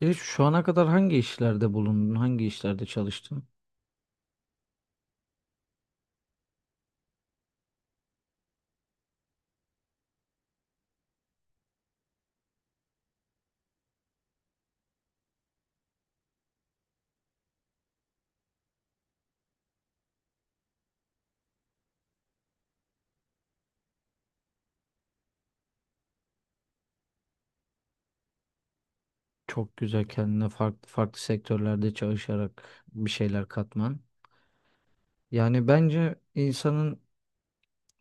Şu ana kadar hangi işlerde bulundun? Hangi işlerde çalıştın? Çok güzel kendine farklı farklı sektörlerde çalışarak bir şeyler katman. Yani bence insanın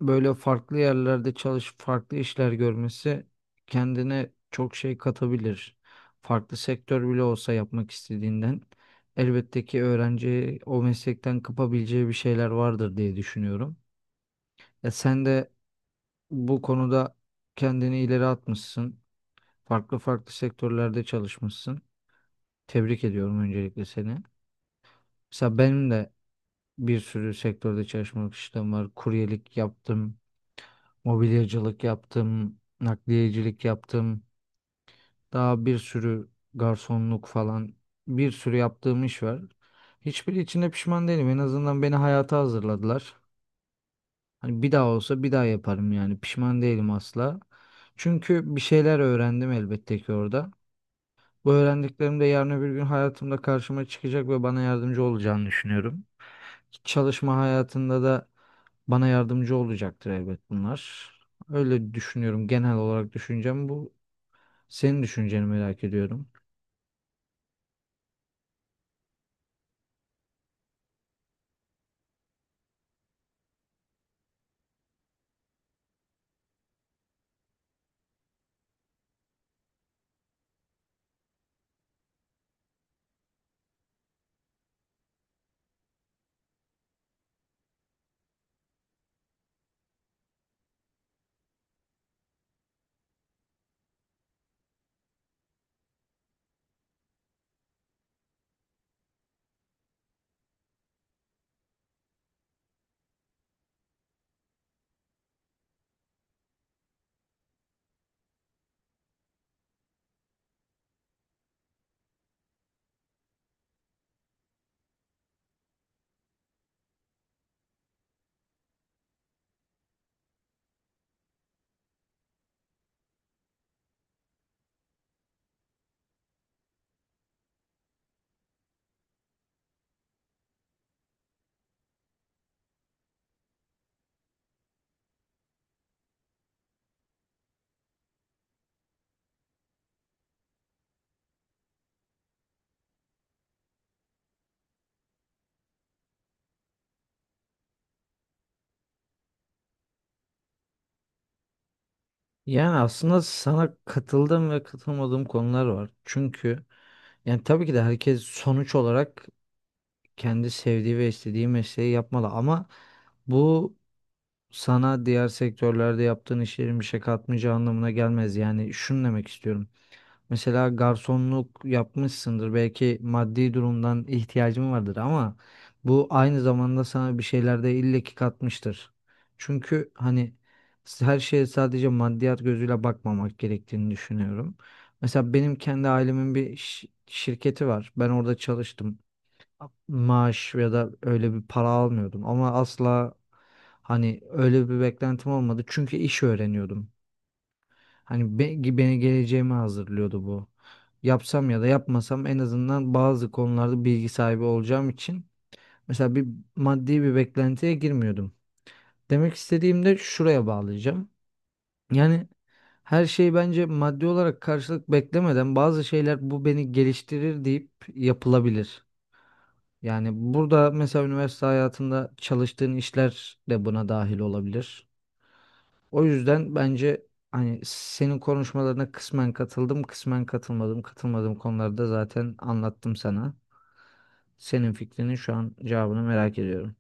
böyle farklı yerlerde çalış, farklı işler görmesi kendine çok şey katabilir. Farklı sektör bile olsa yapmak istediğinden elbette ki öğrenci o meslekten kapabileceği bir şeyler vardır diye düşünüyorum. Ya sen de bu konuda kendini ileri atmışsın. Farklı farklı sektörlerde çalışmışsın. Tebrik ediyorum öncelikle seni. Mesela benim de bir sürü sektörde çalışmak işlem var. Kuryelik yaptım, mobilyacılık yaptım, nakliyecilik yaptım. Daha bir sürü garsonluk falan bir sürü yaptığım iş var. Hiçbiri içinde pişman değilim. En azından beni hayata hazırladılar. Hani bir daha olsa bir daha yaparım yani. Pişman değilim asla. Çünkü bir şeyler öğrendim elbette ki orada. Bu öğrendiklerim de yarın öbür gün hayatımda karşıma çıkacak ve bana yardımcı olacağını düşünüyorum. Çalışma hayatında da bana yardımcı olacaktır elbet bunlar. Öyle düşünüyorum. Genel olarak düşüncem bu. Senin düşünceni merak ediyorum. Yani aslında sana katıldığım ve katılmadığım konular var. Çünkü yani tabii ki de herkes sonuç olarak kendi sevdiği ve istediği mesleği yapmalı ama bu sana diğer sektörlerde yaptığın işlerin bir şey katmayacağı anlamına gelmez. Yani şunu demek istiyorum. Mesela garsonluk yapmışsındır. Belki maddi durumdan ihtiyacın vardır ama bu aynı zamanda sana bir şeyler de illaki katmıştır. Çünkü hani her şeye sadece maddiyat gözüyle bakmamak gerektiğini düşünüyorum. Mesela benim kendi ailemin bir şirketi var. Ben orada çalıştım, maaş ya da öyle bir para almıyordum ama asla hani öyle bir beklentim olmadı çünkü iş öğreniyordum. Hani beni geleceğime hazırlıyordu bu. Yapsam ya da yapmasam en azından bazı konularda bilgi sahibi olacağım için mesela maddi bir beklentiye girmiyordum. Demek istediğim de şuraya bağlayacağım. Yani her şey bence maddi olarak karşılık beklemeden bazı şeyler bu beni geliştirir deyip yapılabilir. Yani burada mesela üniversite hayatında çalıştığın işler de buna dahil olabilir. O yüzden bence hani senin konuşmalarına kısmen katıldım, kısmen katılmadım. Katılmadığım konularda zaten anlattım sana. Senin fikrinin şu an cevabını merak ediyorum.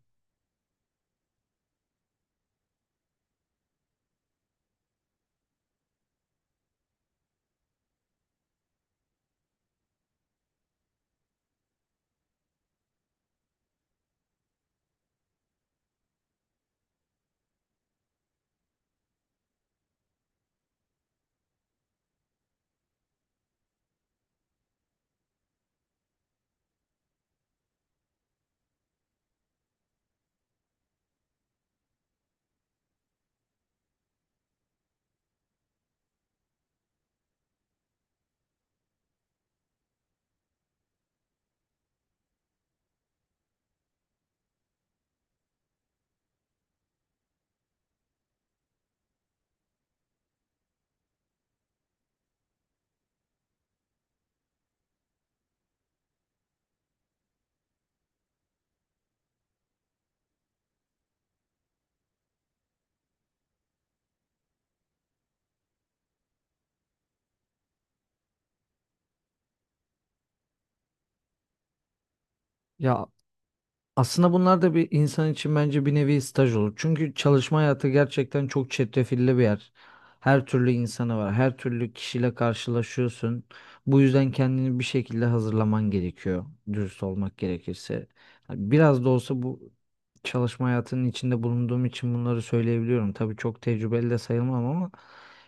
Ya aslında bunlar da bir insan için bence bir nevi staj olur. Çünkü çalışma hayatı gerçekten çok çetrefilli bir yer. Her türlü insanı var, her türlü kişiyle karşılaşıyorsun. Bu yüzden kendini bir şekilde hazırlaman gerekiyor, dürüst olmak gerekirse. Yani biraz da olsa bu çalışma hayatının içinde bulunduğum için bunları söyleyebiliyorum. Tabii çok tecrübeli de sayılmam ama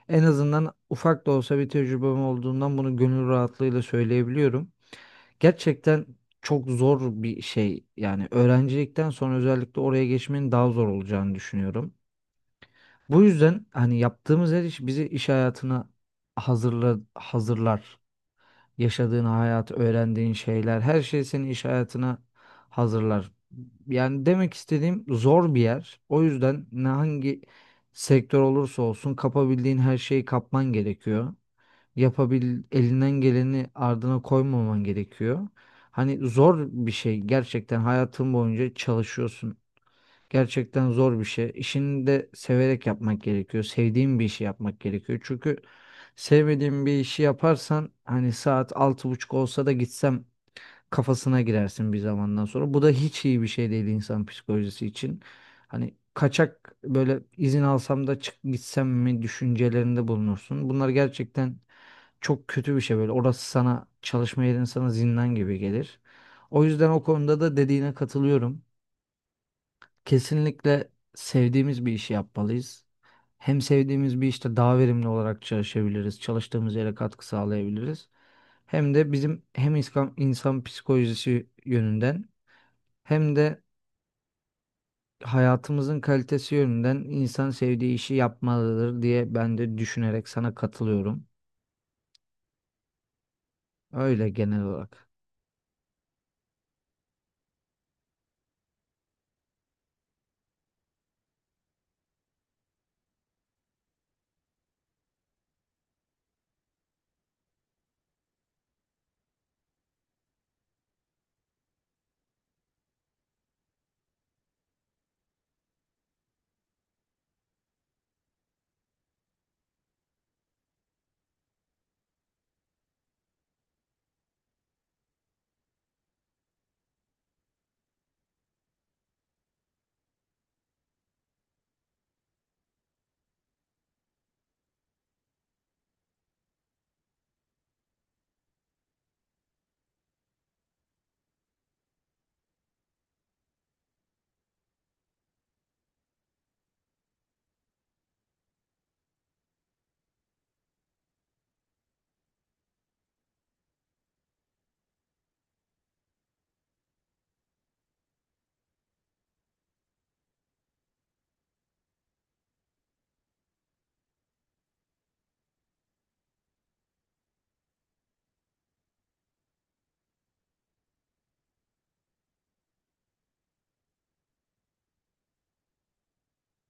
en azından ufak da olsa bir tecrübem olduğundan bunu gönül rahatlığıyla söyleyebiliyorum. Gerçekten çok zor bir şey. Yani öğrencilikten sonra özellikle oraya geçmenin daha zor olacağını düşünüyorum. Bu yüzden hani yaptığımız her iş bizi iş hayatına hazırlar. Yaşadığın hayat, öğrendiğin şeyler, her şey seni iş hayatına hazırlar. Yani demek istediğim zor bir yer. O yüzden ne hangi sektör olursa olsun kapabildiğin her şeyi kapman gerekiyor, yapabil elinden geleni ardına koymaman gerekiyor. Hani zor bir şey, gerçekten hayatın boyunca çalışıyorsun. Gerçekten zor bir şey. İşini de severek yapmak gerekiyor. Sevdiğin bir işi yapmak gerekiyor. Çünkü sevmediğin bir işi yaparsan hani saat altı buçuk olsa da gitsem kafasına girersin bir zamandan sonra. Bu da hiç iyi bir şey değil insan psikolojisi için. Hani kaçak böyle izin alsam da çık gitsem mi düşüncelerinde bulunursun. Bunlar gerçekten çok kötü bir şey böyle. Orası sana, çalışma yerin sana zindan gibi gelir. O yüzden o konuda da dediğine katılıyorum. Kesinlikle sevdiğimiz bir işi yapmalıyız. Hem sevdiğimiz bir işte daha verimli olarak çalışabiliriz. Çalıştığımız yere katkı sağlayabiliriz. Hem de bizim hem insan psikolojisi yönünden hem de hayatımızın kalitesi yönünden insan sevdiği işi yapmalıdır diye ben de düşünerek sana katılıyorum. Öyle genel olarak.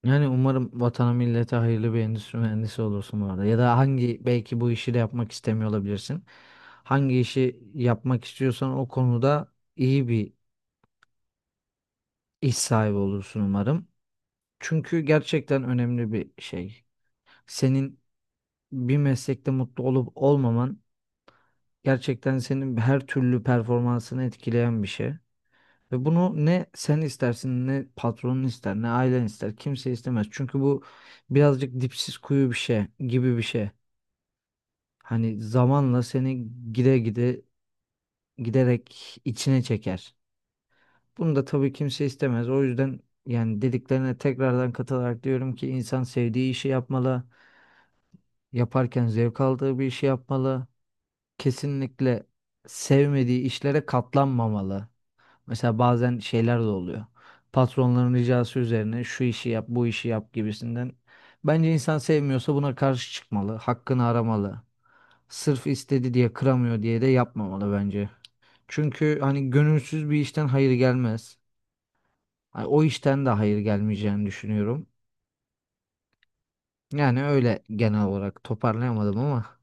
Yani umarım vatana millete hayırlı bir endüstri mühendisi olursun bu arada. Ya da hangi belki bu işi de yapmak istemiyor olabilirsin. Hangi işi yapmak istiyorsan o konuda iyi bir iş sahibi olursun umarım. Çünkü gerçekten önemli bir şey. Senin bir meslekte mutlu olup olmaman gerçekten senin her türlü performansını etkileyen bir şey. Ve bunu ne sen istersin, ne patronun ister, ne ailen ister, kimse istemez. Çünkü bu birazcık dipsiz kuyu bir şey gibi bir şey. Hani zamanla seni gide gide giderek içine çeker. Bunu da tabii kimse istemez. O yüzden yani dediklerine tekrardan katılarak diyorum ki insan sevdiği işi yapmalı. Yaparken zevk aldığı bir işi yapmalı. Kesinlikle sevmediği işlere katlanmamalı. Mesela bazen şeyler de oluyor. Patronların ricası üzerine şu işi yap, bu işi yap gibisinden. Bence insan sevmiyorsa buna karşı çıkmalı, hakkını aramalı. Sırf istedi diye, kıramıyor diye de yapmamalı bence. Çünkü hani gönülsüz bir işten hayır gelmez. Hani o işten de hayır gelmeyeceğini düşünüyorum. Yani öyle genel olarak toparlayamadım ama.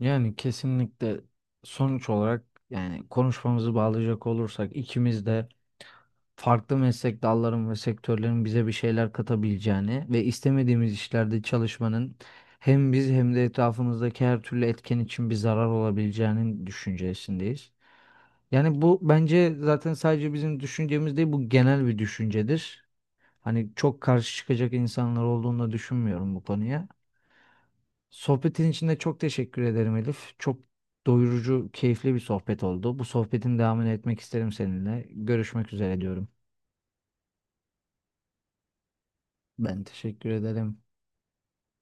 Yani kesinlikle sonuç olarak, yani konuşmamızı bağlayacak olursak, ikimiz de farklı meslek dalların ve sektörlerin bize bir şeyler katabileceğini ve istemediğimiz işlerde çalışmanın hem biz hem de etrafımızdaki her türlü etken için bir zarar olabileceğinin düşüncesindeyiz. Yani bu bence zaten sadece bizim düşüncemiz değil, bu genel bir düşüncedir. Hani çok karşı çıkacak insanlar olduğunu da düşünmüyorum bu konuya. Sohbetin için de çok teşekkür ederim Elif. Çok doyurucu, keyifli bir sohbet oldu. Bu sohbetin devamını etmek isterim seninle. Görüşmek üzere diyorum. Ben teşekkür ederim.